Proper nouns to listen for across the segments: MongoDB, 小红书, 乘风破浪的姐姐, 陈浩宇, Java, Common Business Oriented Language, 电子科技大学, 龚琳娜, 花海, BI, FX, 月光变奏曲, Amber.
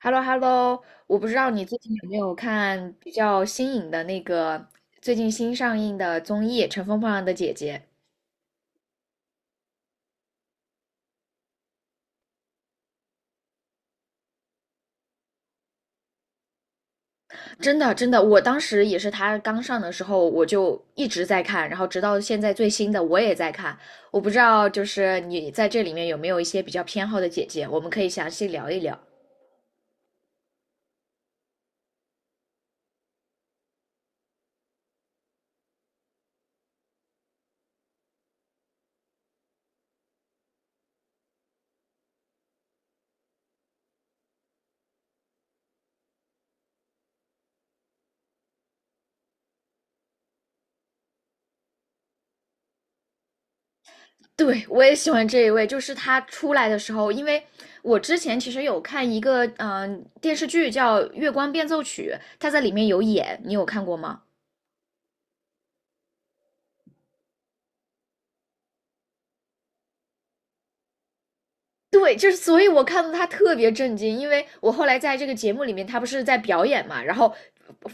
h e l l o h e l l o 我不知道你最近有没有看比较新颖的那个最近新上映的综艺《乘风破浪的姐姐》。真的真的，我当时也是她刚上的时候，我就一直在看，然后直到现在最新的我也在看。我不知道就是你在这里面有没有一些比较偏好的姐姐，我们可以详细聊一聊。对，我也喜欢这一位，就是她出来的时候，因为我之前其实有看一个电视剧叫《月光变奏曲》，她在里面有演，你有看过吗？对，就是，所以我看到他特别震惊，因为我后来在这个节目里面，他不是在表演嘛，然后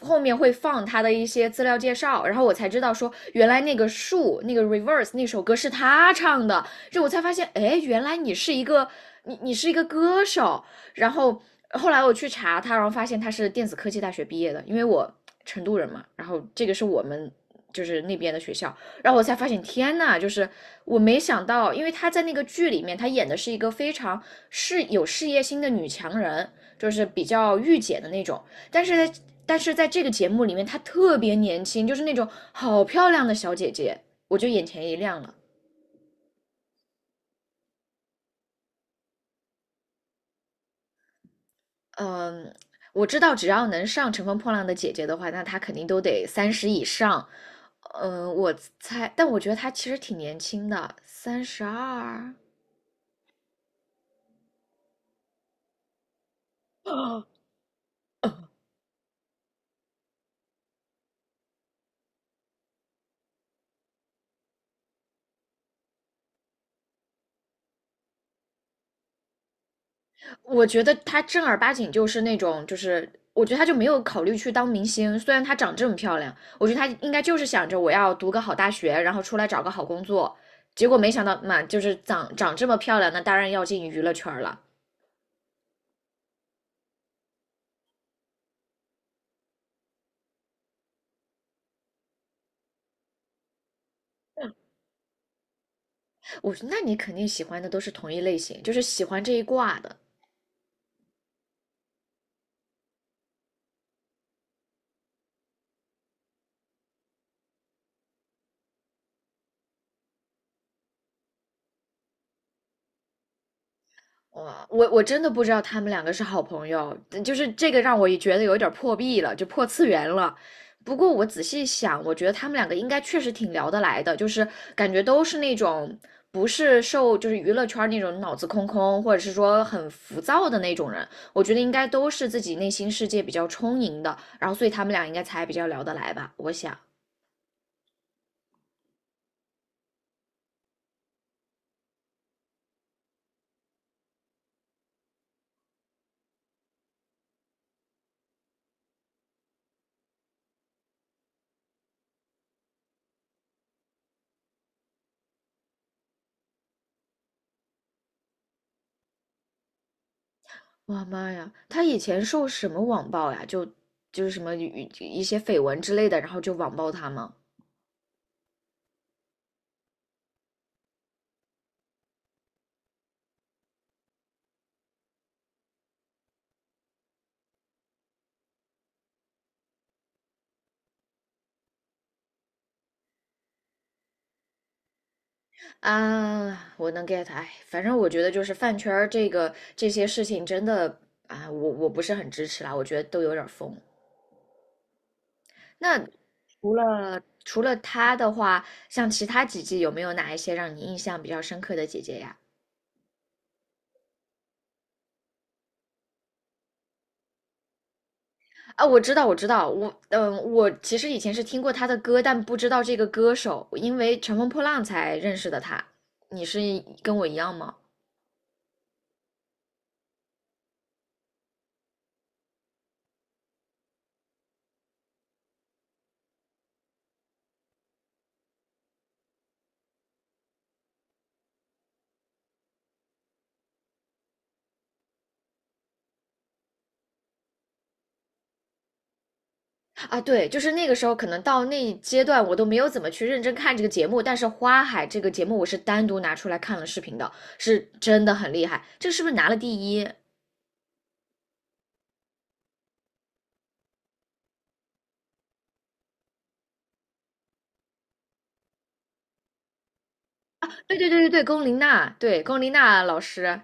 后面会放他的一些资料介绍，然后我才知道说，原来那个树，那个 reverse 那首歌是他唱的，就我才发现，哎，原来你是一个你是一个歌手，然后后来我去查他，然后发现他是电子科技大学毕业的，因为我成都人嘛，然后这个是我们就是那边的学校，然后我才发现，天呐，就是我没想到，因为她在那个剧里面，她演的是一个非常有事业心的女强人，就是比较御姐的那种。但是但是在这个节目里面，她特别年轻，就是那种好漂亮的小姐姐，我就眼前一亮了。嗯，我知道只要能上《乘风破浪的姐姐》的话，那她肯定都得三十以上。嗯，我猜，但我觉得她其实挺年轻的，三十二。啊，我觉得她正儿八经就是那种，就是我觉得她就没有考虑去当明星。虽然她长这么漂亮，我觉得她应该就是想着我要读个好大学，然后出来找个好工作。结果没想到嘛，就是长这么漂亮，那当然要进娱乐圈了。我说，那你肯定喜欢的都是同一类型，就是喜欢这一挂的。哇，我真的不知道他们两个是好朋友，嗯就是这个让我也觉得有点破壁了，就破次元了。不过我仔细想，我觉得他们两个应该确实挺聊得来的，就是感觉都是那种不是受就是娱乐圈那种脑子空空，或者是说很浮躁的那种人。我觉得应该都是自己内心世界比较充盈的，然后所以他们俩应该才比较聊得来吧，我想。哇妈呀，他以前受什么网暴呀？就就是什么一些绯闻之类的，然后就网暴他吗？啊，我能 get,哎，反正我觉得就是饭圈儿这个这些事情真的啊，我不是很支持啦，我觉得都有点儿疯。那除了她的话，像其他几季有没有哪一些让你印象比较深刻的姐姐呀？啊，我知道，我知道，我嗯，我其实以前是听过她的歌，但不知道这个歌手，因为《乘风破浪》才认识的她。你是跟我一样吗？啊，对，就是那个时候，可能到那一阶段，我都没有怎么去认真看这个节目。但是《花海》这个节目，我是单独拿出来看了视频的，是真的很厉害。这个是不是拿了第一啊？对对对对对，龚琳娜，对龚琳娜老师。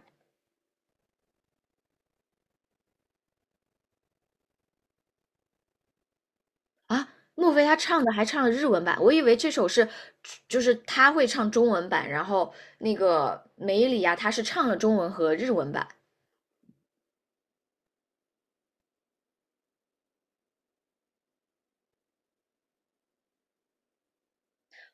啊，莫非他唱的还唱了日文版？我以为这首是，就是他会唱中文版，然后那个梅里啊，她是唱了中文和日文版。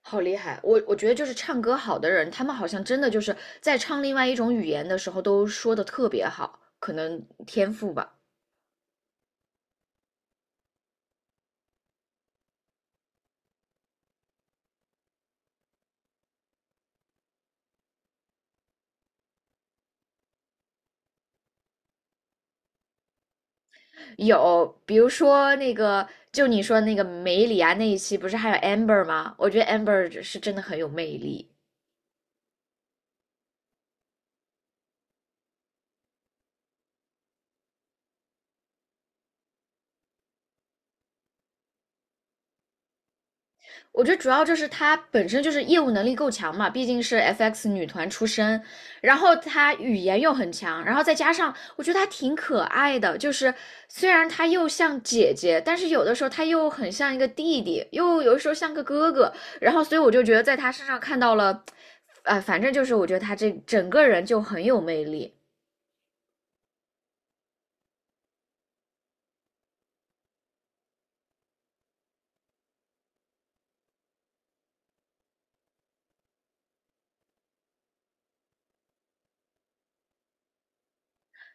好厉害！我觉得就是唱歌好的人，他们好像真的就是在唱另外一种语言的时候都说的特别好，可能天赋吧。有，比如说那个，就你说那个梅里啊那一期，不是还有 Amber 吗？我觉得 Amber 是真的很有魅力。我觉得主要就是她本身就是业务能力够强嘛，毕竟是 FX 女团出身，然后她语言又很强，然后再加上我觉得她挺可爱的，就是虽然她又像姐姐，但是有的时候她又很像一个弟弟，又有的时候像个哥哥，然后所以我就觉得在她身上看到了，反正就是我觉得她这整个人就很有魅力。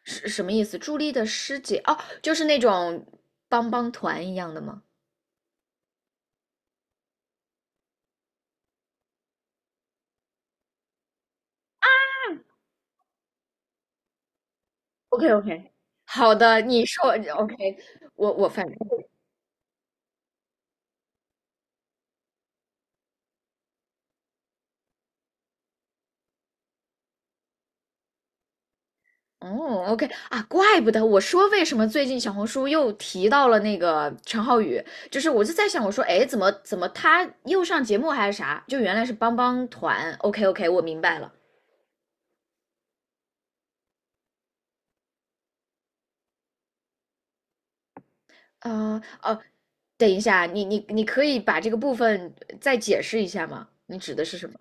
是什么意思？朱莉的师姐哦，就是那种帮帮团一样的吗？OK OK,好的，你说 OK,我反正哦 OK 啊，怪不得我说为什么最近小红书又提到了那个陈浩宇，就是我就在想，我说哎，诶怎么他又上节目还是啥？就原来是帮帮团，OK OK,我明白了。呃哦，等一下，你可以把这个部分再解释一下吗？你指的是什么？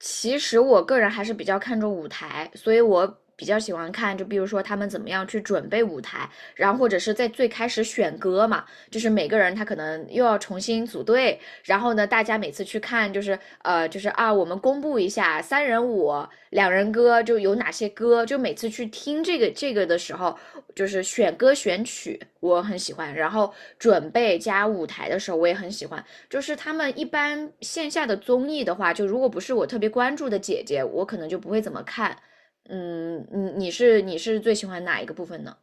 其实我个人还是比较看重舞台，所以我比较喜欢看，就比如说他们怎么样去准备舞台，然后或者是在最开始选歌嘛，就是每个人他可能又要重新组队，然后呢，大家每次去看就是我们公布一下三人舞、两人歌就有哪些歌，就每次去听这个的时候，就是选歌选曲我很喜欢，然后准备加舞台的时候我也很喜欢。就是他们一般线下的综艺的话，就如果不是我特别关注的姐姐，我可能就不会怎么看。嗯，你是最喜欢哪一个部分呢？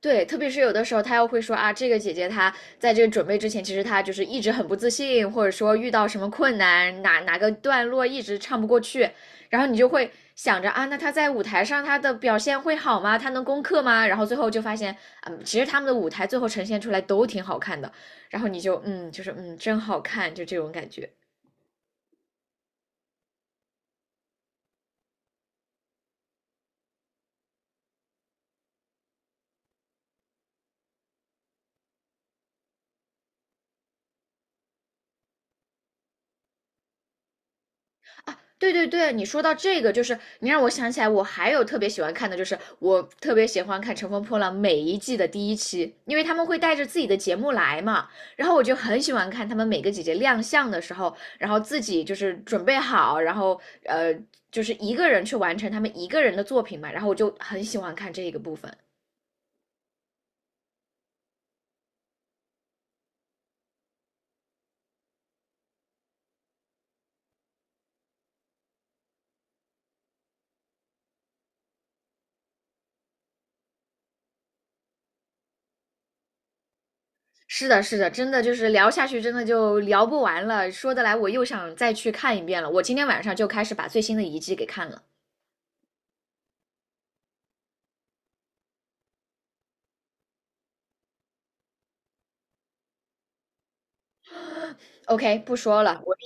对，特别是有的时候他又会说啊，这个姐姐她在这个准备之前，其实她就是一直很不自信，或者说遇到什么困难，哪个段落一直唱不过去，然后你就会想着啊，那她在舞台上她的表现会好吗？她能攻克吗？然后最后就发现，嗯，其实他们的舞台最后呈现出来都挺好看的，然后你就嗯，就是嗯，真好看，就这种感觉。啊，对对对，你说到这个，就是你让我想起来，我还有特别喜欢看的，就是我特别喜欢看《乘风破浪》每一季的第一期，因为他们会带着自己的节目来嘛，然后我就很喜欢看他们每个姐姐亮相的时候，然后自己就是准备好，然后就是一个人去完成他们一个人的作品嘛，然后我就很喜欢看这个部分。是的，是的，真的就是聊下去，真的就聊不完了。说得来，我又想再去看一遍了。我今天晚上就开始把最新的一季给看了。OK,不说了，我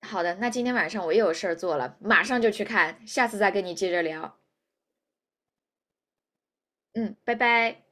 好的，那今天晚上我又有事儿做了，马上就去看，下次再跟你接着聊。嗯，拜拜。